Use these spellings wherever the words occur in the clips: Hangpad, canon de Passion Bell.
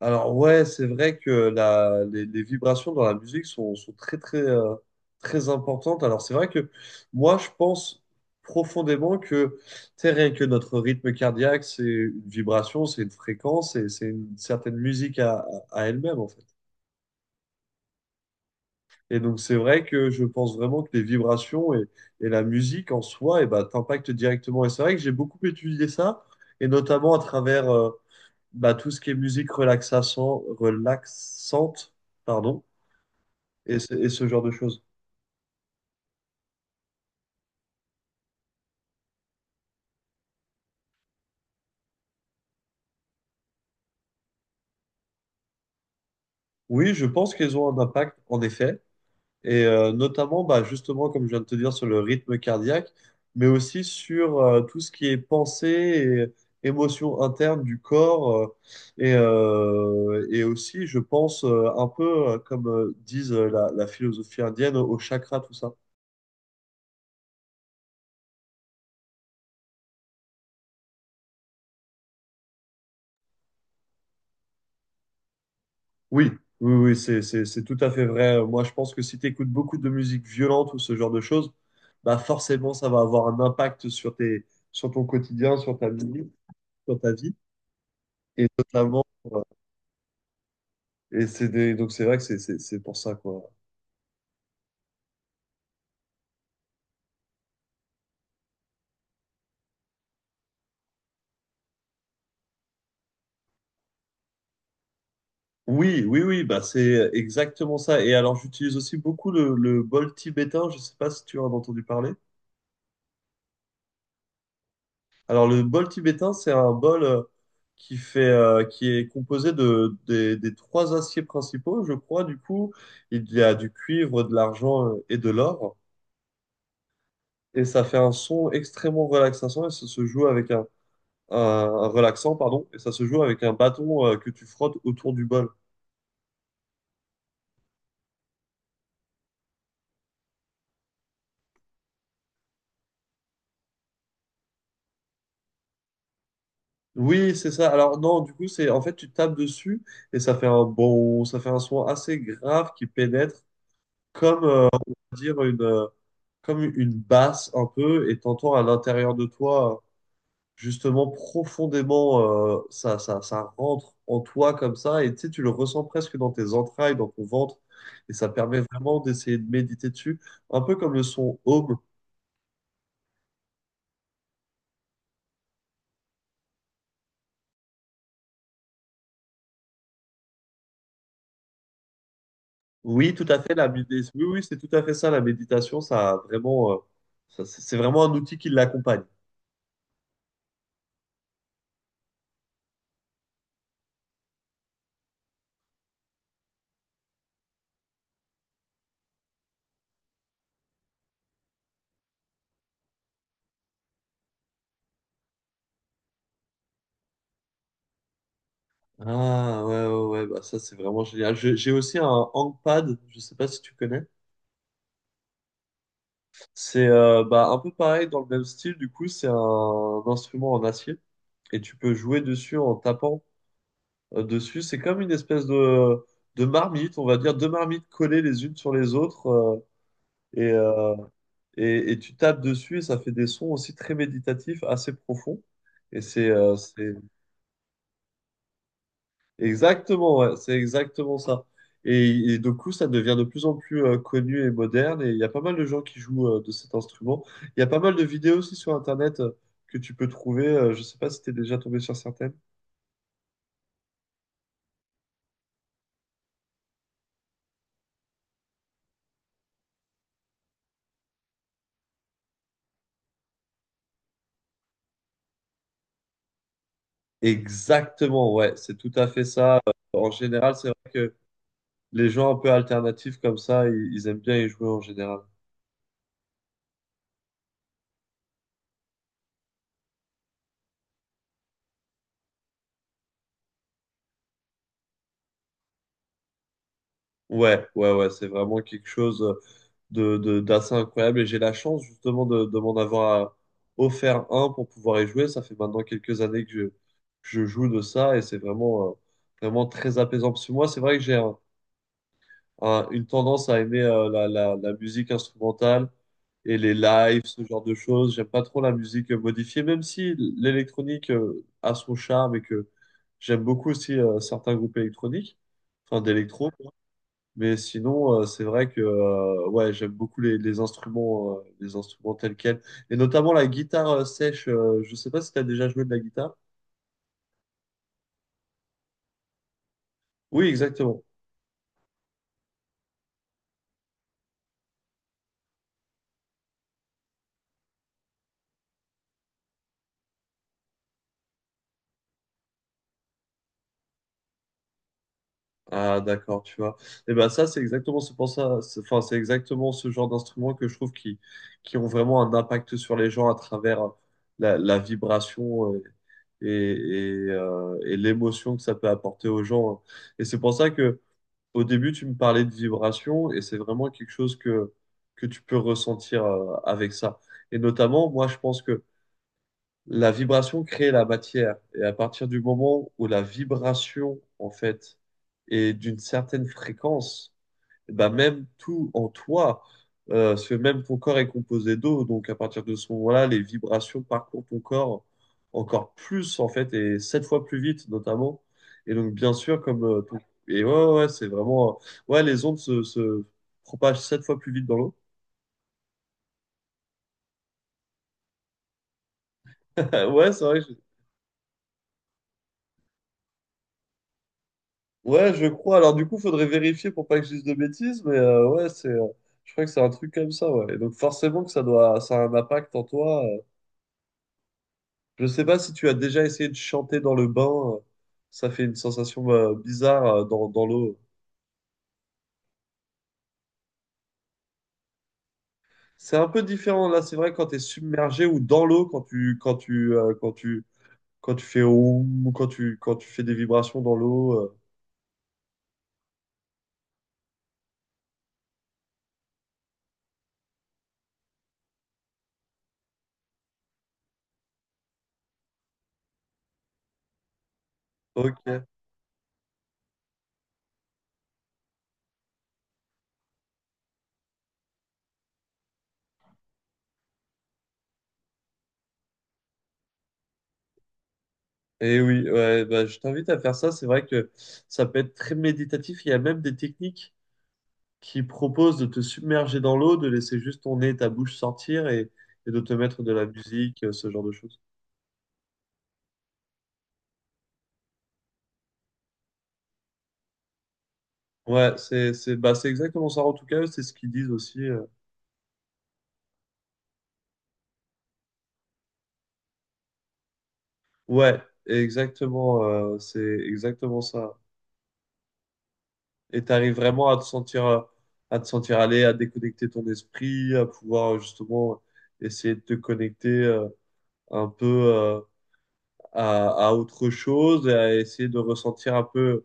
Alors ouais, c'est vrai que les vibrations dans la musique sont très très très importantes. Alors c'est vrai que moi je pense profondément que tu sais, rien que notre rythme cardiaque, c'est une vibration, c'est une fréquence, et c'est une certaine musique à elle-même en fait. Et donc c'est vrai que je pense vraiment que les vibrations et la musique en soi, et ben, t'impactent directement. Et c'est vrai que j'ai beaucoup étudié ça, et notamment à travers bah, tout ce qui est musique relaxation, relaxante, pardon, et ce genre de choses. Oui, je pense qu'elles ont un impact, en effet, et notamment, bah, justement, comme je viens de te dire, sur le rythme cardiaque, mais aussi sur tout ce qui est pensée et émotion interne du corps, et aussi, je pense, un peu comme disent la philosophie indienne, au chakra, tout ça. Oui, oui, oui, c'est tout à fait vrai. Moi, je pense que si tu écoutes beaucoup de musique violente ou ce genre de choses, bah forcément, ça va avoir un impact sur sur ton quotidien, sur ta vie, sur ta vie. Et notamment, euh, donc c'est vrai que c'est pour ça, quoi. Oui, oui, oui, bah c'est exactement ça. Et alors, j'utilise aussi beaucoup le bol tibétain. Je sais pas si tu en as entendu parler. Alors le bol tibétain, c'est un bol qui est composé des trois aciers principaux, je crois. Du coup, il y a du cuivre, de l'argent et de l'or. Et ça fait un son extrêmement relaxant et ça se joue avec et ça se joue avec un bâton que tu frottes autour du bol. Oui, c'est ça. Alors non, du coup, c'est en fait tu tapes dessus et ça fait un son assez grave qui pénètre comme on va dire une comme une basse un peu et t'entends à l'intérieur de toi justement profondément ça rentre en toi comme ça, et tu sais, tu le ressens presque dans tes entrailles, dans ton ventre, et ça permet vraiment d'essayer de méditer dessus un peu comme le son home. Oui, tout à fait, la méditation. Oui, oui, c'est tout à fait ça, la méditation, ça a vraiment ça, c'est vraiment un outil qui l'accompagne. Ah ouais, ouais, ouais, bah ça c'est vraiment génial. J'ai aussi un Hangpad, je sais pas si tu connais. C'est bah, un peu pareil dans le même style, du coup, c'est un instrument en acier et tu peux jouer dessus en tapant dessus. C'est comme une espèce de marmite, on va dire, deux marmites collées les unes sur les autres et, euh, et tu tapes dessus et ça fait des sons aussi très méditatifs, assez profonds. Et c'est exactement, ouais, c'est exactement ça. Et du coup, ça devient de plus en plus connu et moderne, et il y a pas mal de gens qui jouent de cet instrument. Il y a pas mal de vidéos aussi sur Internet que tu peux trouver. Je sais pas si tu es déjà tombé sur certaines. Exactement, ouais, c'est tout à fait ça. En général, c'est vrai que les gens un peu alternatifs comme ça, ils aiment bien y jouer en général. Ouais, ouais, ouais, c'est vraiment quelque chose d'assez incroyable, et j'ai la chance justement de m'en avoir offert un pour pouvoir y jouer. Ça fait maintenant quelques années que je joue de ça et c'est vraiment, vraiment très apaisant. Parce que moi, c'est vrai que j'ai une tendance à aimer la musique instrumentale et les lives, ce genre de choses. J'aime pas trop la musique modifiée, même si l'électronique a son charme et que j'aime beaucoup aussi certains groupes électroniques, enfin d'électro. Mais sinon, c'est vrai que ouais, j'aime beaucoup les instruments, les instruments tels quels, et notamment la guitare sèche. Je sais pas si tu as déjà joué de la guitare. Oui, exactement. Ah, d'accord, tu vois. Et ben ça, c'est exactement ce pour ça. Enfin, c'est exactement ce genre d'instruments que je trouve qui ont vraiment un impact sur les gens à travers la vibration et, et l'émotion que ça peut apporter aux gens, hein. Et c'est pour ça que au début, tu me parlais de vibration et c'est vraiment quelque chose que tu peux ressentir avec ça. Et notamment, moi, je pense que la vibration crée la matière. Et à partir du moment où la vibration, en fait, est d'une certaine fréquence, bah même tout en toi, parce que même ton corps est composé d'eau, donc à partir de ce moment-là, les vibrations parcourent ton corps encore plus en fait, et sept fois plus vite notamment. Et donc bien sûr comme. Et ouais, ouais, ouais, c'est vraiment ouais, les ondes se propagent sept fois plus vite dans l'eau. Ouais c'est vrai. Que ouais, je crois. Alors du coup faudrait vérifier pour pas que je dise de bêtises, mais ouais c'est je crois que c'est un truc comme ça, ouais. Et donc forcément que ça a un impact en toi. Je sais pas si tu as déjà essayé de chanter dans le bain. Ça fait une sensation bizarre dans l'eau. C'est un peu différent là, c'est vrai, quand tu es submergé ou dans l'eau, quand tu fais oum, ou quand tu fais des vibrations dans l'eau. OK. Et oui, ouais, bah, je t'invite à faire ça, c'est vrai que ça peut être très méditatif, il y a même des techniques qui proposent de te submerger dans l'eau, de laisser juste ton nez et ta bouche sortir et de te mettre de la musique, ce genre de choses. Ouais, c'est bah c'est exactement ça, en tout cas, eux, c'est ce qu'ils disent aussi. Ouais, exactement, c'est exactement ça. Et t'arrives vraiment à te sentir aller, à déconnecter ton esprit, à pouvoir justement essayer de te connecter un peu à autre chose, et à essayer de ressentir un peu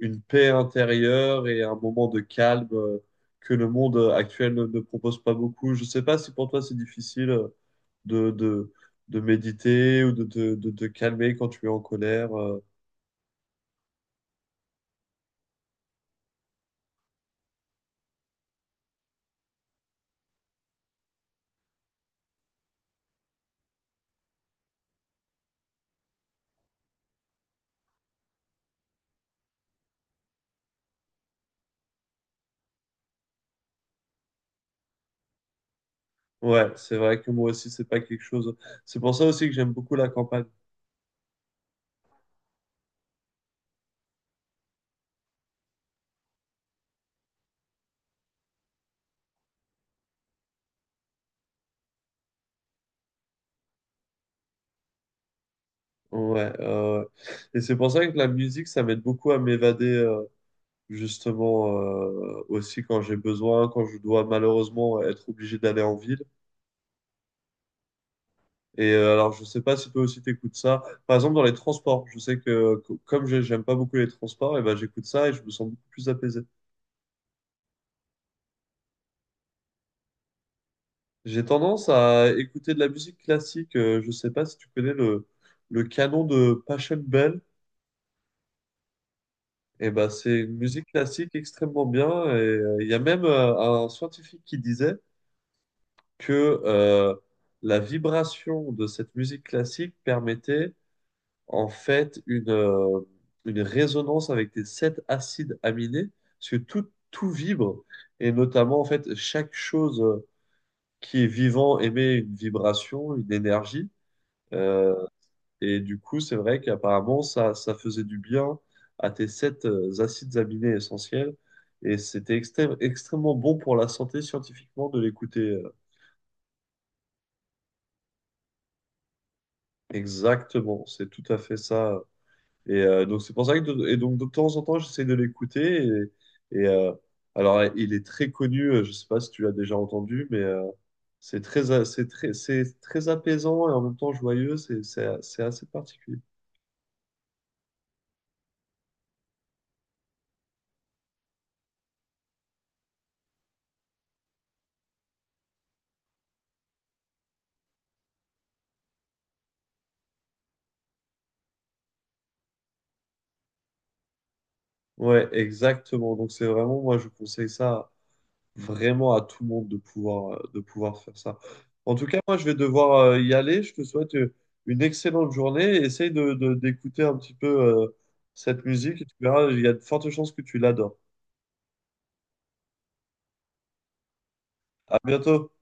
une paix intérieure et un moment de calme que le monde actuel ne propose pas beaucoup. Je sais pas si pour toi c'est difficile, de, de, de méditer ou de te calmer quand tu es en colère. Ouais, c'est vrai que moi aussi, c'est pas quelque chose. C'est pour ça aussi que j'aime beaucoup la campagne. Ouais, et c'est pour ça que la musique, ça m'aide beaucoup à m'évader, justement, aussi quand j'ai besoin, quand je dois malheureusement être obligé d'aller en ville. Et alors, je sais pas si toi aussi t'écoutes ça. Par exemple, dans les transports, je sais que comme j'aime pas beaucoup les transports, et ben j'écoute ça et je me sens beaucoup plus apaisé. J'ai tendance à écouter de la musique classique. Je sais pas si tu connais le canon de Passion Bell. Et ben, c'est une musique classique extrêmement bien. Et il y a même un scientifique qui disait que la vibration de cette musique classique permettait en fait une résonance avec des sept acides aminés, parce que tout, tout vibre. Et notamment, en fait, chaque chose qui est vivant émet une vibration, une énergie. Euh, Et du coup, c'est vrai qu'apparemment, ça faisait du bien à tes sept acides aminés essentiels. Et c'était extrêmement bon pour la santé scientifiquement de l'écouter. Exactement, c'est tout à fait ça. Et donc, c'est pour ça que et donc, de temps en temps, j'essaie de l'écouter. Et, alors, il est très connu, je ne sais pas si tu l'as déjà entendu, mais c'est très, a- c'est très apaisant et en même temps joyeux. C'est assez particulier. Ouais, exactement. Donc, c'est vraiment, moi, je conseille ça vraiment à tout le monde de pouvoir, de pouvoir, faire ça. En tout cas, moi, je vais devoir y aller. Je te souhaite une excellente journée. Essaye d'écouter un petit peu cette musique et tu verras, il y a de fortes chances que tu l'adores. À bientôt.